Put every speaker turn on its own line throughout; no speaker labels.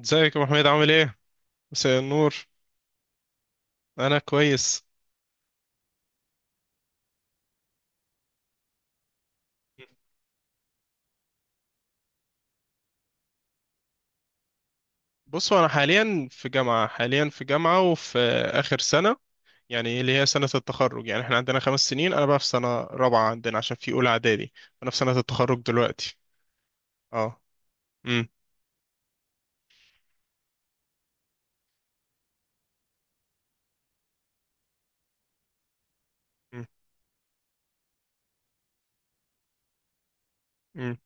ازيك يا ابو حميد، عامل ايه؟ مساء النور. انا كويس. بصوا، انا حاليا في جامعه وفي اخر سنه، يعني اللي هي سنه التخرج. يعني احنا عندنا 5 سنين، انا بقى في سنه رابعه عندنا عشان في اولى اعدادي. انا في سنه التخرج دلوقتي. اه. امم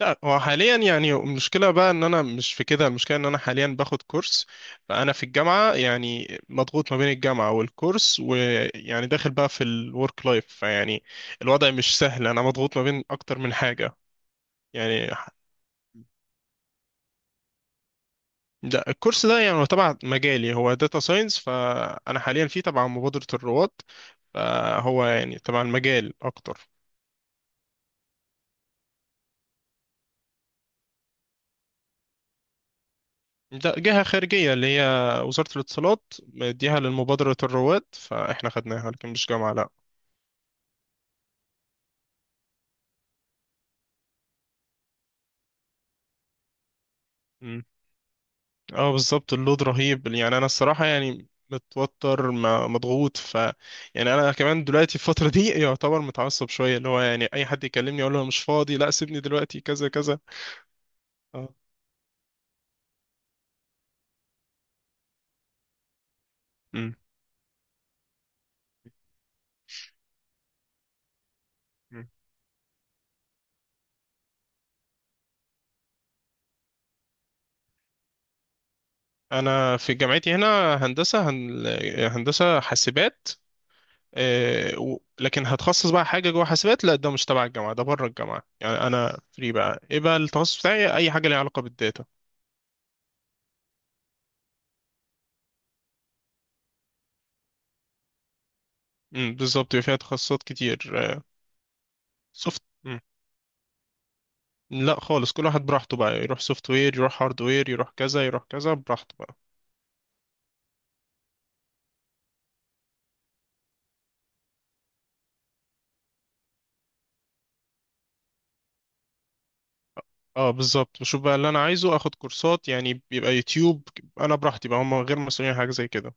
لا، هو حاليا يعني المشكلة بقى ان انا مش في كده. المشكلة ان انا حاليا باخد كورس، فانا في الجامعة يعني مضغوط ما بين الجامعة والكورس، ويعني داخل بقى في الورك لايف، فيعني الوضع مش سهل. انا مضغوط ما بين اكتر من حاجة. يعني ح- ده الكورس ده يعني هو تبع مجالي، هو داتا ساينس. فانا حاليا فيه تبع مبادرة الرواد، فهو يعني تبع المجال اكتر. ده جهة خارجية، اللي هي وزارة الاتصالات، مديها للمبادرة الرواد، فاحنا خدناها، لكن مش جامعة، لا. مم. اه، بالظبط، اللود رهيب. يعني انا الصراحه يعني متوتر، مضغوط، يعني انا كمان دلوقتي في الفتره دي يعتبر متعصب شويه، اللي هو يعني اي حد يكلمني اقول له أنا مش فاضي، لا سيبني دلوقتي، كذا كذا. اه. مم. مم. انا في جامعتي هنا هندسه، هندسه حاسبات. لكن هتخصص بقى حاجه جوه حاسبات، لا ده مش تبع الجامعه، ده بره الجامعه، يعني انا فري بقى. ايه بقى التخصص بتاعي؟ اي حاجه ليها علاقه بالداتا. مم، بالظبط، يبقى فيها تخصصات كتير. سوفت لا خالص، كل واحد براحته بقى، يروح سوفت وير، يروح هارد وير، يروح كذا يروح كذا، براحته بقى. اه بالظبط، بشوف بقى اللي انا عايزه اخد كورسات، يعني بيبقى يوتيوب، انا براحتي بقى، هم غير مسؤولين عن حاجه زي كده.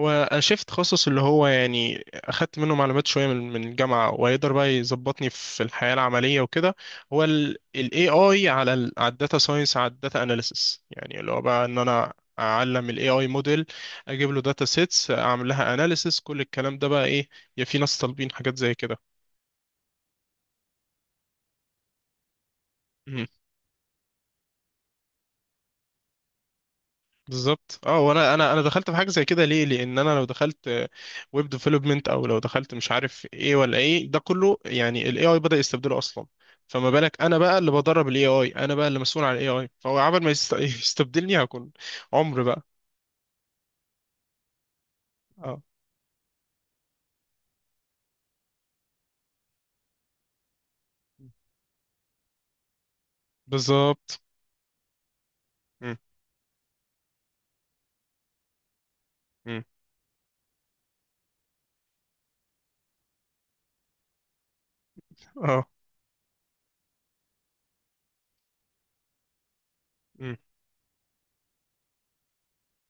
هو شيفت تخصص اللي هو يعني اخدت منه معلومات شويه، من الجامعه، وهيقدر بقى يظبطني في الحياه العمليه وكده. هو الاي اي على على الداتا ساينس، على الداتا اناليسس، يعني اللي هو بقى ان انا اعلم الاي اي موديل، اجيب له داتا سيتس، اعمل لها اناليسس، كل الكلام ده بقى ايه، يا في ناس طالبين حاجات زي كده. مم. بالظبط، اه، وانا انا انا دخلت في حاجه زي كده ليه؟ لان انا لو دخلت ويب ديفلوبمنت، او لو دخلت مش عارف ايه ولا ايه، ده كله يعني الاي اي بدا يستبدله اصلا. فما بالك انا بقى اللي بدرب الاي اي، انا بقى اللي مسؤول عن الاي اي، فهو عمل ما يستبدلني، هكون عمر بقى. اه بالظبط. مم. مم. اه.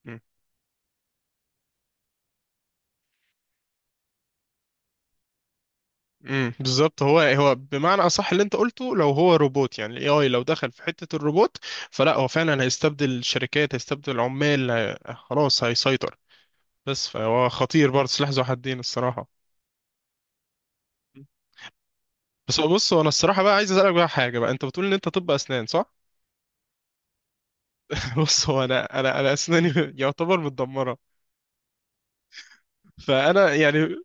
مم. امم، بالظبط، هو بمعنى اصح اللي انت قلته، لو هو روبوت، يعني الاي اي لو دخل في حته الروبوت، فلا هو فعلا هيستبدل الشركات، هيستبدل العمال، خلاص هيسيطر. بس فهو خطير برضه، سلاح ذو حدين، الصراحه. بس هو، بص، هو انا الصراحه بقى عايز اسالك بقى حاجه بقى، انت بتقول ان انت طب اسنان، صح؟ بص، هو انا اسناني يعتبر متدمره. فانا يعني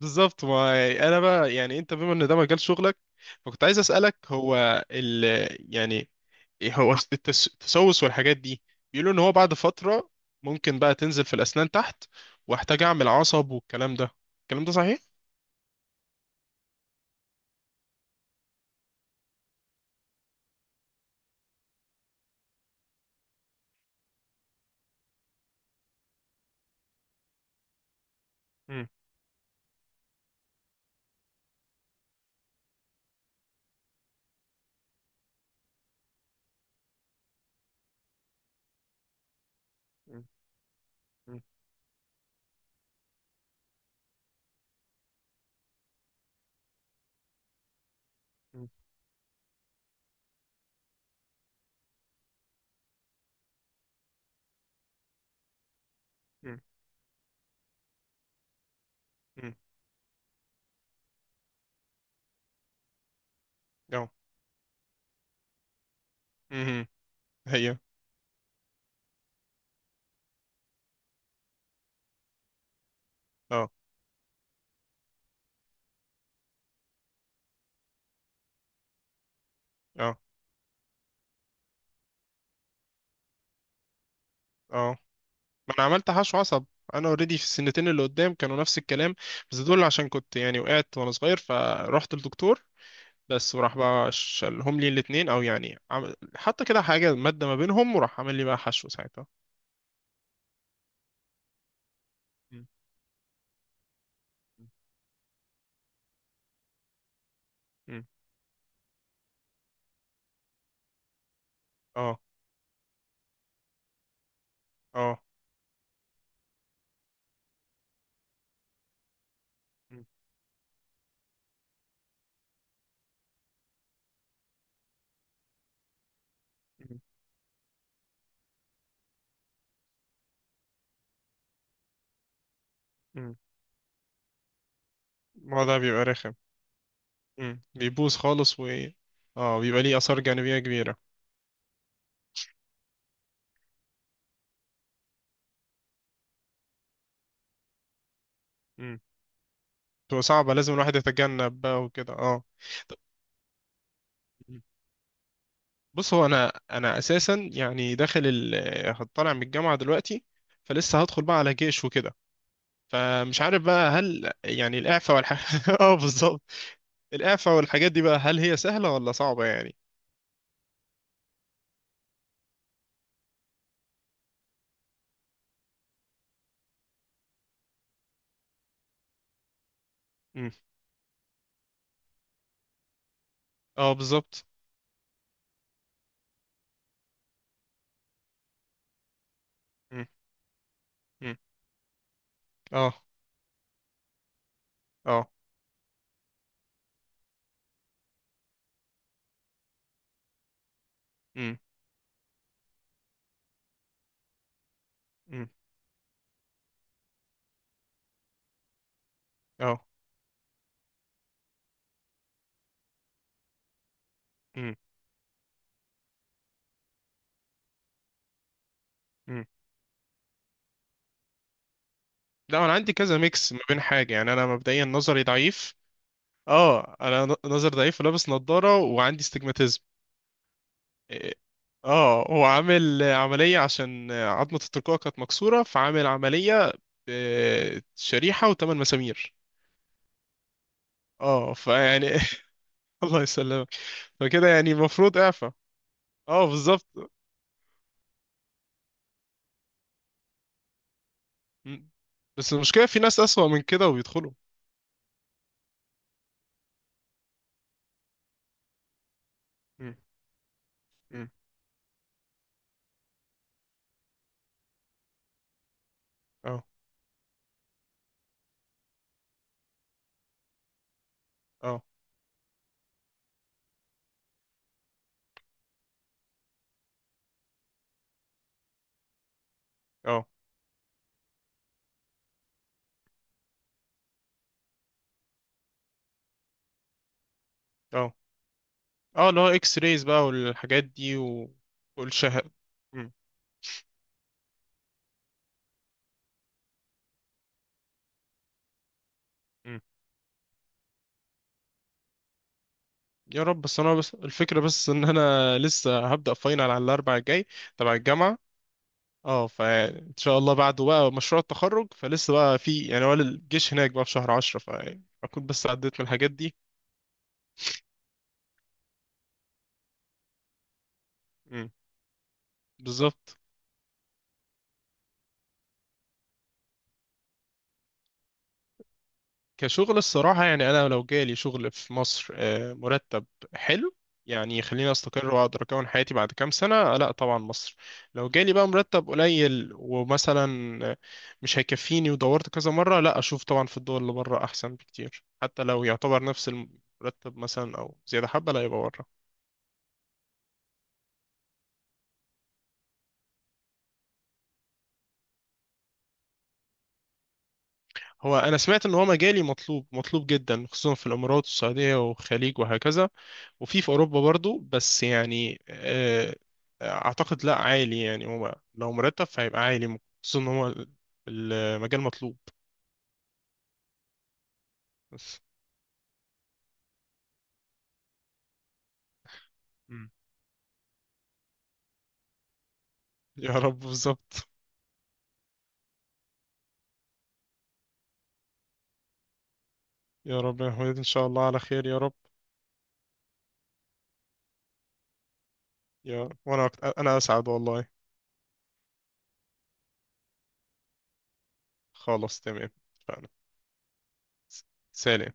بالظبط، ما يعني انا بقى يعني انت بما ان ده مجال شغلك، فكنت عايز اسالك، هو ال يعني إيه هو التسوس والحاجات دي. بيقولوا ان هو بعد فتره ممكن بقى تنزل في الاسنان تحت، واحتاج اعمل عصب والكلام ده. الكلام ده صحيح؟ امم. امم. امم. امم. امم. امم. اه. امم. هي. اه. اه. اه. ما انا عملت حشو عصب. انا اوريدي في السنتين اللي قدام كانوا نفس الكلام، بس دول عشان كنت يعني وقعت وانا صغير، فرحت للدكتور، بس وراح بقى شالهم لي الاتنين، او يعني عمل حط كده حاجة مادة ما بينهم، وراح عامل لي بقى حشو ساعتها. مم. مم. اه. اه. مم. مم. مم. الموضوع بيبقى رخم. مم. بيبوظ خالص. اه، بيبقى ليه آثار جانبية كبيرة. مم. بتبقى صعبة، لازم الواحد يتجنب بقى وكده، اه. طب، بص، هو انا اساسا يعني داخل. هطلع من الجامعة دلوقتي، فلسه هدخل بقى على جيش وكده. فمش عارف بقى، هل يعني الإعفاء والحاجات اه بالظبط، الإعفاء والحاجات دي بقى، هل هي سهلة ولا صعبة يعني؟ امم. اه بالظبط. امم. امم. اه. اه. امم. امم. اه. امم. امم. لا انا عندي كذا ميكس ما بين حاجة، يعني انا مبدئيا نظري ضعيف. اه، انا نظري ضعيف ولابس نظارة، وعندي استجماتيزم. اه. هو عامل عملية عشان عظمة الترقوة كانت مكسورة، فعامل عملية شريحة و8 مسامير. اه فيعني الله يسلمك. فكده يعني المفروض اعفاء. اه بالظبط. مم. بس المشكلة في ناس أسوأ من كده وبيدخلوا. مم. مم. اه. اه. اه. اه. اه. اللي هو اكس رايز بقى والحاجات دي و... والشه مم. مم. يا رب. بس انا، بس الفكرة، بس ان انا لسه هبدأ فاينل على الاربع الجاي تبع الجامعة. اه، فان شاء الله بعده بقى مشروع التخرج، فلسه بقى في يعني، هو الجيش هناك بقى في شهر 10، فاكون بس عديت من الحاجات دي. مم. بالظبط. كشغل الصراحة، يعني أنا لو جالي شغل في مصر مرتب حلو، يعني يخليني أستقر وأقدر أكون حياتي بعد كام سنة، لا طبعا مصر. لو جالي بقى مرتب قليل ومثلا مش هيكفيني، ودورت كذا مرة، لا أشوف طبعا في الدول اللي بره أحسن بكتير، حتى لو يعتبر نفس المرتب مثلا أو زيادة حبة، لا يبقى بره. هو أنا سمعت إن هو مجالي مطلوب، مطلوب جدا، خصوصا في الإمارات والسعودية والخليج وهكذا، وفي في اوروبا برضو، بس يعني اعتقد لا عالي. يعني هو لو مرتب فهيبقى عالي، خصوصا ان هو المجال مطلوب. بس. مم. يا رب بالظبط. يا رب يا محمد، ان شاء الله على خير، يا رب. يا رب. وانا انا اسعد والله. خلاص تمام. اتفقنا. سلام.